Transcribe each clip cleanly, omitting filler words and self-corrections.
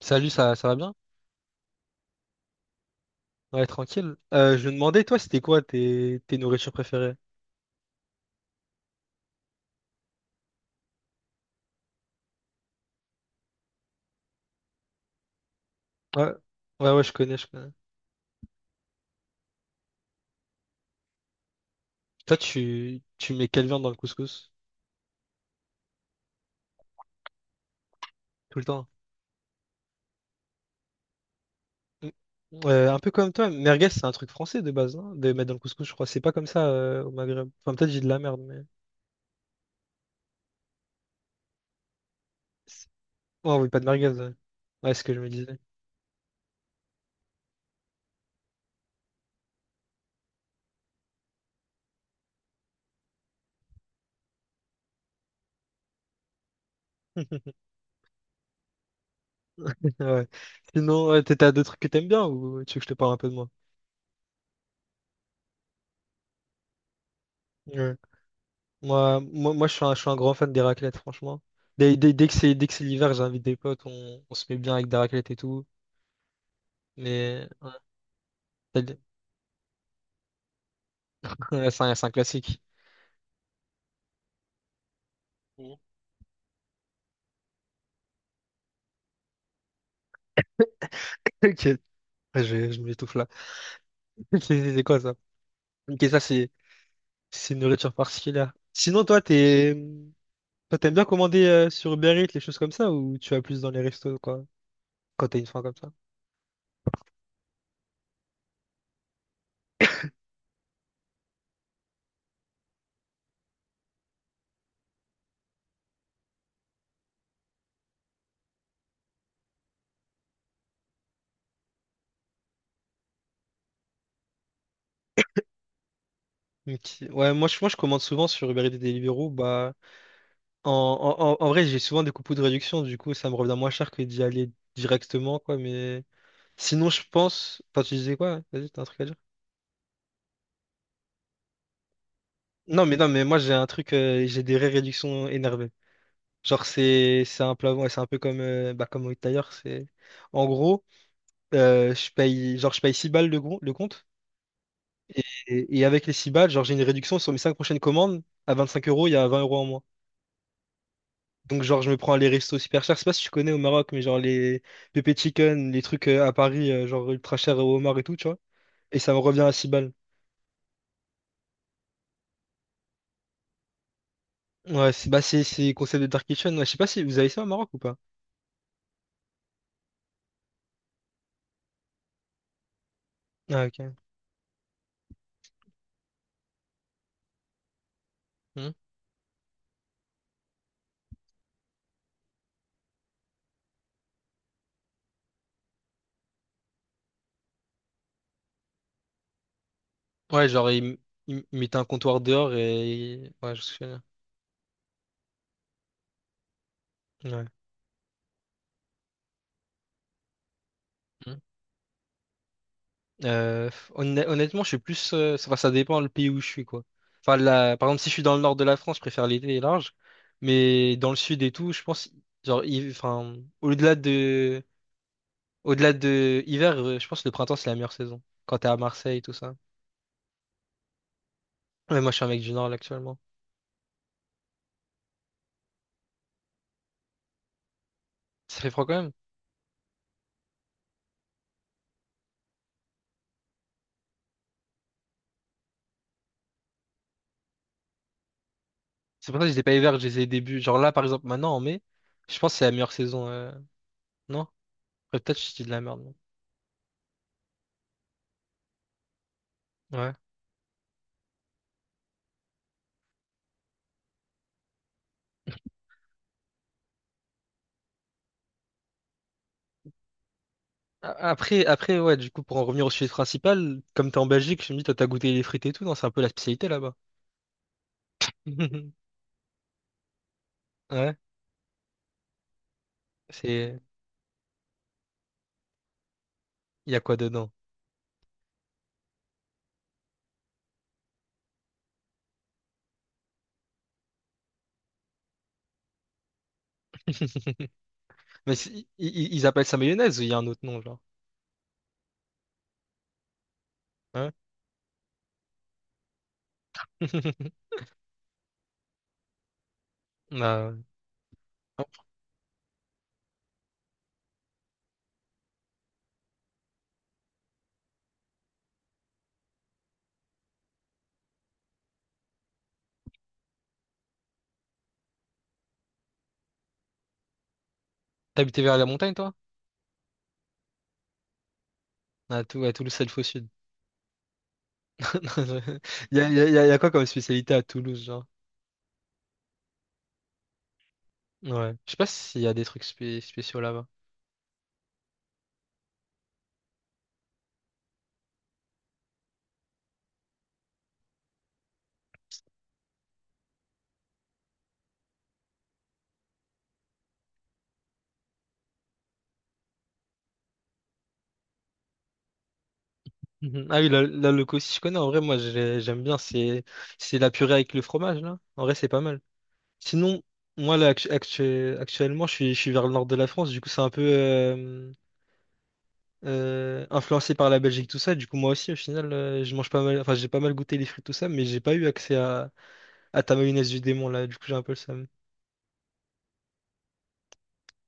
Salut, ça va bien? Ouais, tranquille. Je me demandais, toi, c'était quoi tes nourritures préférées? Ouais, ouais, ouais, je connais, je connais. Toi, tu mets quelle viande dans le couscous? Tout le temps. Mm. Un peu comme toi, merguez, c'est un truc français de base, non? De mettre dans le couscous, je crois. C'est pas comme ça au Maghreb. Enfin, peut-être j'ai de la merde, mais. Oh, oui, pas de merguez. Ouais, ouais, c'est ce que je me disais. Ouais. Sinon, ouais, t'as d'autres trucs que t'aimes bien ou tu veux que je te parle un peu de moi? Moi, je suis un grand fan des raclettes, franchement. Dès que c'est l'hiver, j'invite des potes, on se met bien avec des raclettes et tout. Mais c'est un classique. Mhm. Ok, ouais, je m'étouffe là. C'est quoi ça? Ok, ça, c'est une nourriture particulière. Sinon, toi, t'aimes bien commander sur Uber Eats, les choses comme ça, ou tu vas plus dans les restos, quoi, quand t'as une faim comme ça? Ok. Ouais, moi, je commande souvent sur Uber Eats et Deliveroo, bah. En vrai, j'ai souvent des coupons de réduction, du coup, ça me revient moins cher que d'y aller directement, quoi. Mais sinon, je pense. Enfin, tu disais quoi? Vas-y, t'as un truc à dire? Non, mais non, mais moi, j'ai un truc, j'ai des vraies réductions énervées. Genre, c'est un plat, ouais, c'est un peu comme, bah, comme d'ailleurs, c'est. En gros, genre, je paye 6 balles le compte, et avec les 6 balles, genre, j'ai une réduction sur mes 5 prochaines commandes. À 25 euros, il y a 20 € en moins. Donc, genre, je me prends les restos super chers. Je sais pas si tu connais au Maroc, mais genre les pépé chicken, les trucs à Paris, genre ultra chers au homard et tout, tu vois. Et ça me revient à six balles. Ouais, c'est bah, c'est concept de Dark Kitchen. Ouais, je sais pas si vous avez ça au Maroc ou pas. Ah, ok. Hmm. Ouais, genre, ils il mettaient un comptoir dehors et. Ouais, je me souviens. Ouais. Hmm. Euh, Honnêtement, je suis plus. Enfin, ça dépend le pays où je suis, quoi. Enfin, par exemple, si je suis dans le nord de la France, je préfère l'été large. Mais dans le sud et tout, je pense. Genre, enfin, au-delà de. Au-delà de hiver, je pense que le printemps, c'est la meilleure saison. Quand t'es à Marseille et tout ça. Ouais, moi, je suis un mec du Nord, là, actuellement. Ça fait froid quand même. C'est pour ça que je les ai pas hiver, je les ai début. Genre là, par exemple, maintenant, en mai, je pense que c'est la meilleure saison. Non? Ouais, peut-être que je dis de la merde. Non. Ouais. Ouais, du coup, pour en revenir au sujet principal, comme t'es en Belgique, je me dis, toi, t'as goûté les frites et tout, non? C'est un peu la spécialité là-bas. Ouais, c'est... Il y a quoi dedans? Mais ils appellent ça mayonnaise ou il y a un autre nom, genre? Ouais. Bah, ouais. T'habitais vers la montagne, toi? À Toulouse, c'est le faux sud. Il y a quoi comme spécialité à Toulouse, genre? Ouais. Je sais pas s'il y a des trucs spéciaux là-bas. Mhm. Ah oui, la là, le aussi, je connais. En vrai, moi, j'aime bien. C'est la purée avec le fromage, là. En vrai, c'est pas mal. Sinon, moi, là, actuellement, je suis vers le nord de la France. Du coup, c'est un peu influencé par la Belgique, tout ça. Du coup, moi aussi, au final, je mange pas mal. Enfin, j'ai pas mal goûté les frites tout ça, mais j'ai pas eu accès à ta mayonnaise du démon, là. Du coup, j'ai un peu le seum.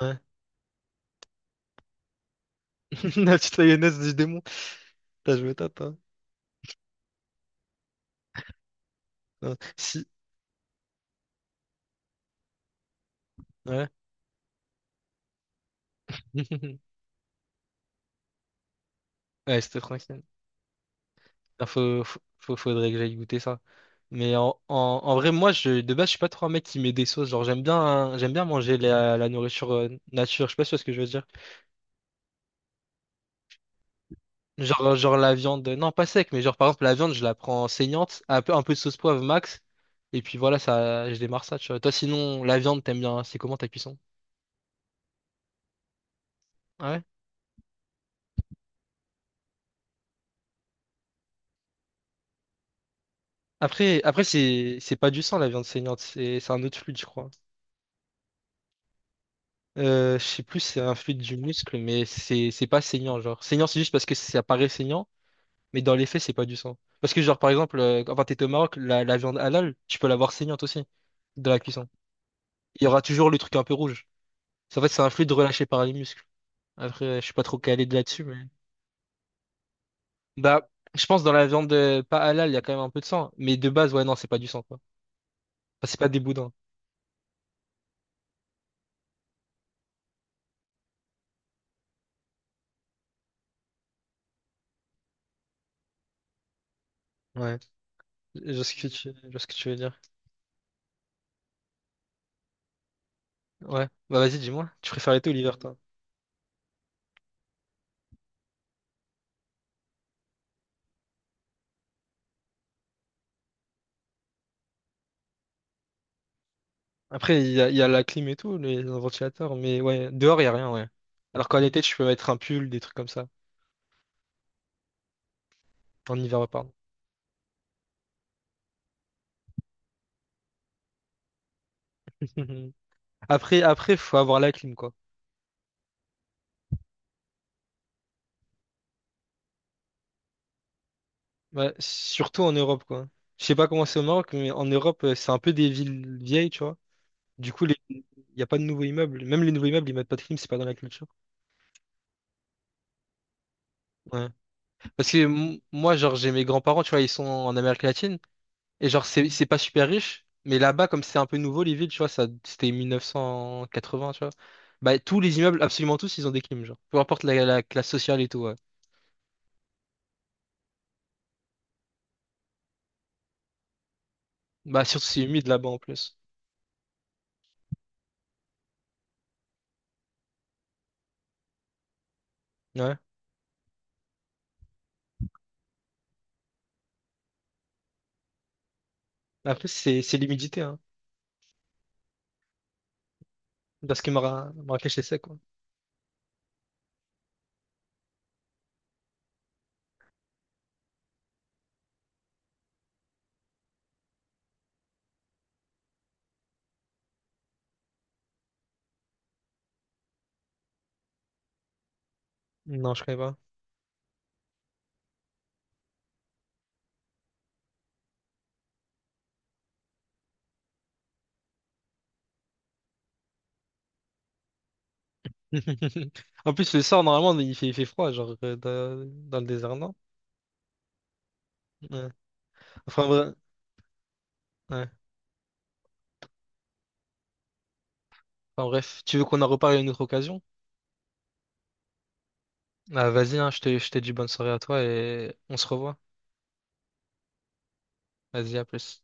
Ouais. La petite mayonnaise du démon. T'as joué au top, hein? Non. Si, ouais. Ouais, c'était tranquille. Ah, faudrait que j'aille goûter ça. Mais en vrai, moi, de base, je suis pas trop un mec qui met des sauces. Genre, j'aime bien, hein, j'aime bien manger la nourriture nature. Je sais pas si tu vois ce que je veux dire. Genre la viande, non, pas sec, mais genre, par exemple, la viande, je la prends saignante, un peu de sauce poivre max. Et puis voilà, ça, je démarre ça, tu vois. Toi, sinon, la viande, t'aimes bien, c'est comment ta cuisson? Ah ouais? Après c'est pas du sang, la viande saignante. C'est un autre fluide, je crois. Je sais plus, si c'est un fluide du muscle, mais c'est pas saignant, genre. Saignant, c'est juste parce que ça paraît saignant, mais dans les faits, c'est pas du sang. Parce que, genre, par exemple, quand t'es au Maroc, la viande halal, tu peux l'avoir saignante aussi, dans la cuisson. Il y aura toujours le truc un peu rouge. En fait, c'est un fluide relâché par les muscles. Après, je suis pas trop calé de là-dessus, mais... Bah, je pense dans la viande pas halal, il y a quand même un peu de sang. Mais de base, ouais, non, c'est pas du sang, quoi. Enfin, c'est pas des boudins. Ouais. Je vois ce que tu veux dire. Ouais. Bah, vas-y, dis-moi. Tu préfères l'été ou l'hiver, toi? Après, il y a la clim et tout, les ventilateurs, mais ouais, dehors, il n'y a rien, ouais. Alors qu'en été, tu peux mettre un pull, des trucs comme ça. En hiver, ouais, pardon. Après, faut avoir la clim, quoi. Ouais, surtout en Europe, quoi. Je sais pas comment c'est au Maroc, mais en Europe, c'est un peu des villes vieilles, tu vois. Du coup, il n'y a pas de nouveaux immeubles. Même les nouveaux immeubles, ils mettent pas de clim, c'est pas dans la culture. Ouais. Parce que moi, genre, j'ai mes grands-parents, tu vois, ils sont en Amérique latine. Et genre, c'est pas super riche, mais là-bas, comme c'est un peu nouveau, les villes, tu vois, ça, c'était 1980, tu vois. Bah, tous les immeubles, absolument tous, ils ont des clims, genre. Peu importe la classe sociale et tout, ouais. Bah, surtout c'est humide là-bas en plus. Ouais. Après, c'est l'humidité, hein. Parce que Marrakech, c'est sec, quoi. Non, je connais pas. En plus, le soir, normalement, il fait froid, genre, dans le désert, non? Ouais. Enfin, ouais. Enfin, bref. Tu veux qu'on en reparle à une autre occasion? Ah, vas-y, hein, je te dis bonne soirée à toi et on se revoit. Vas-y, à plus.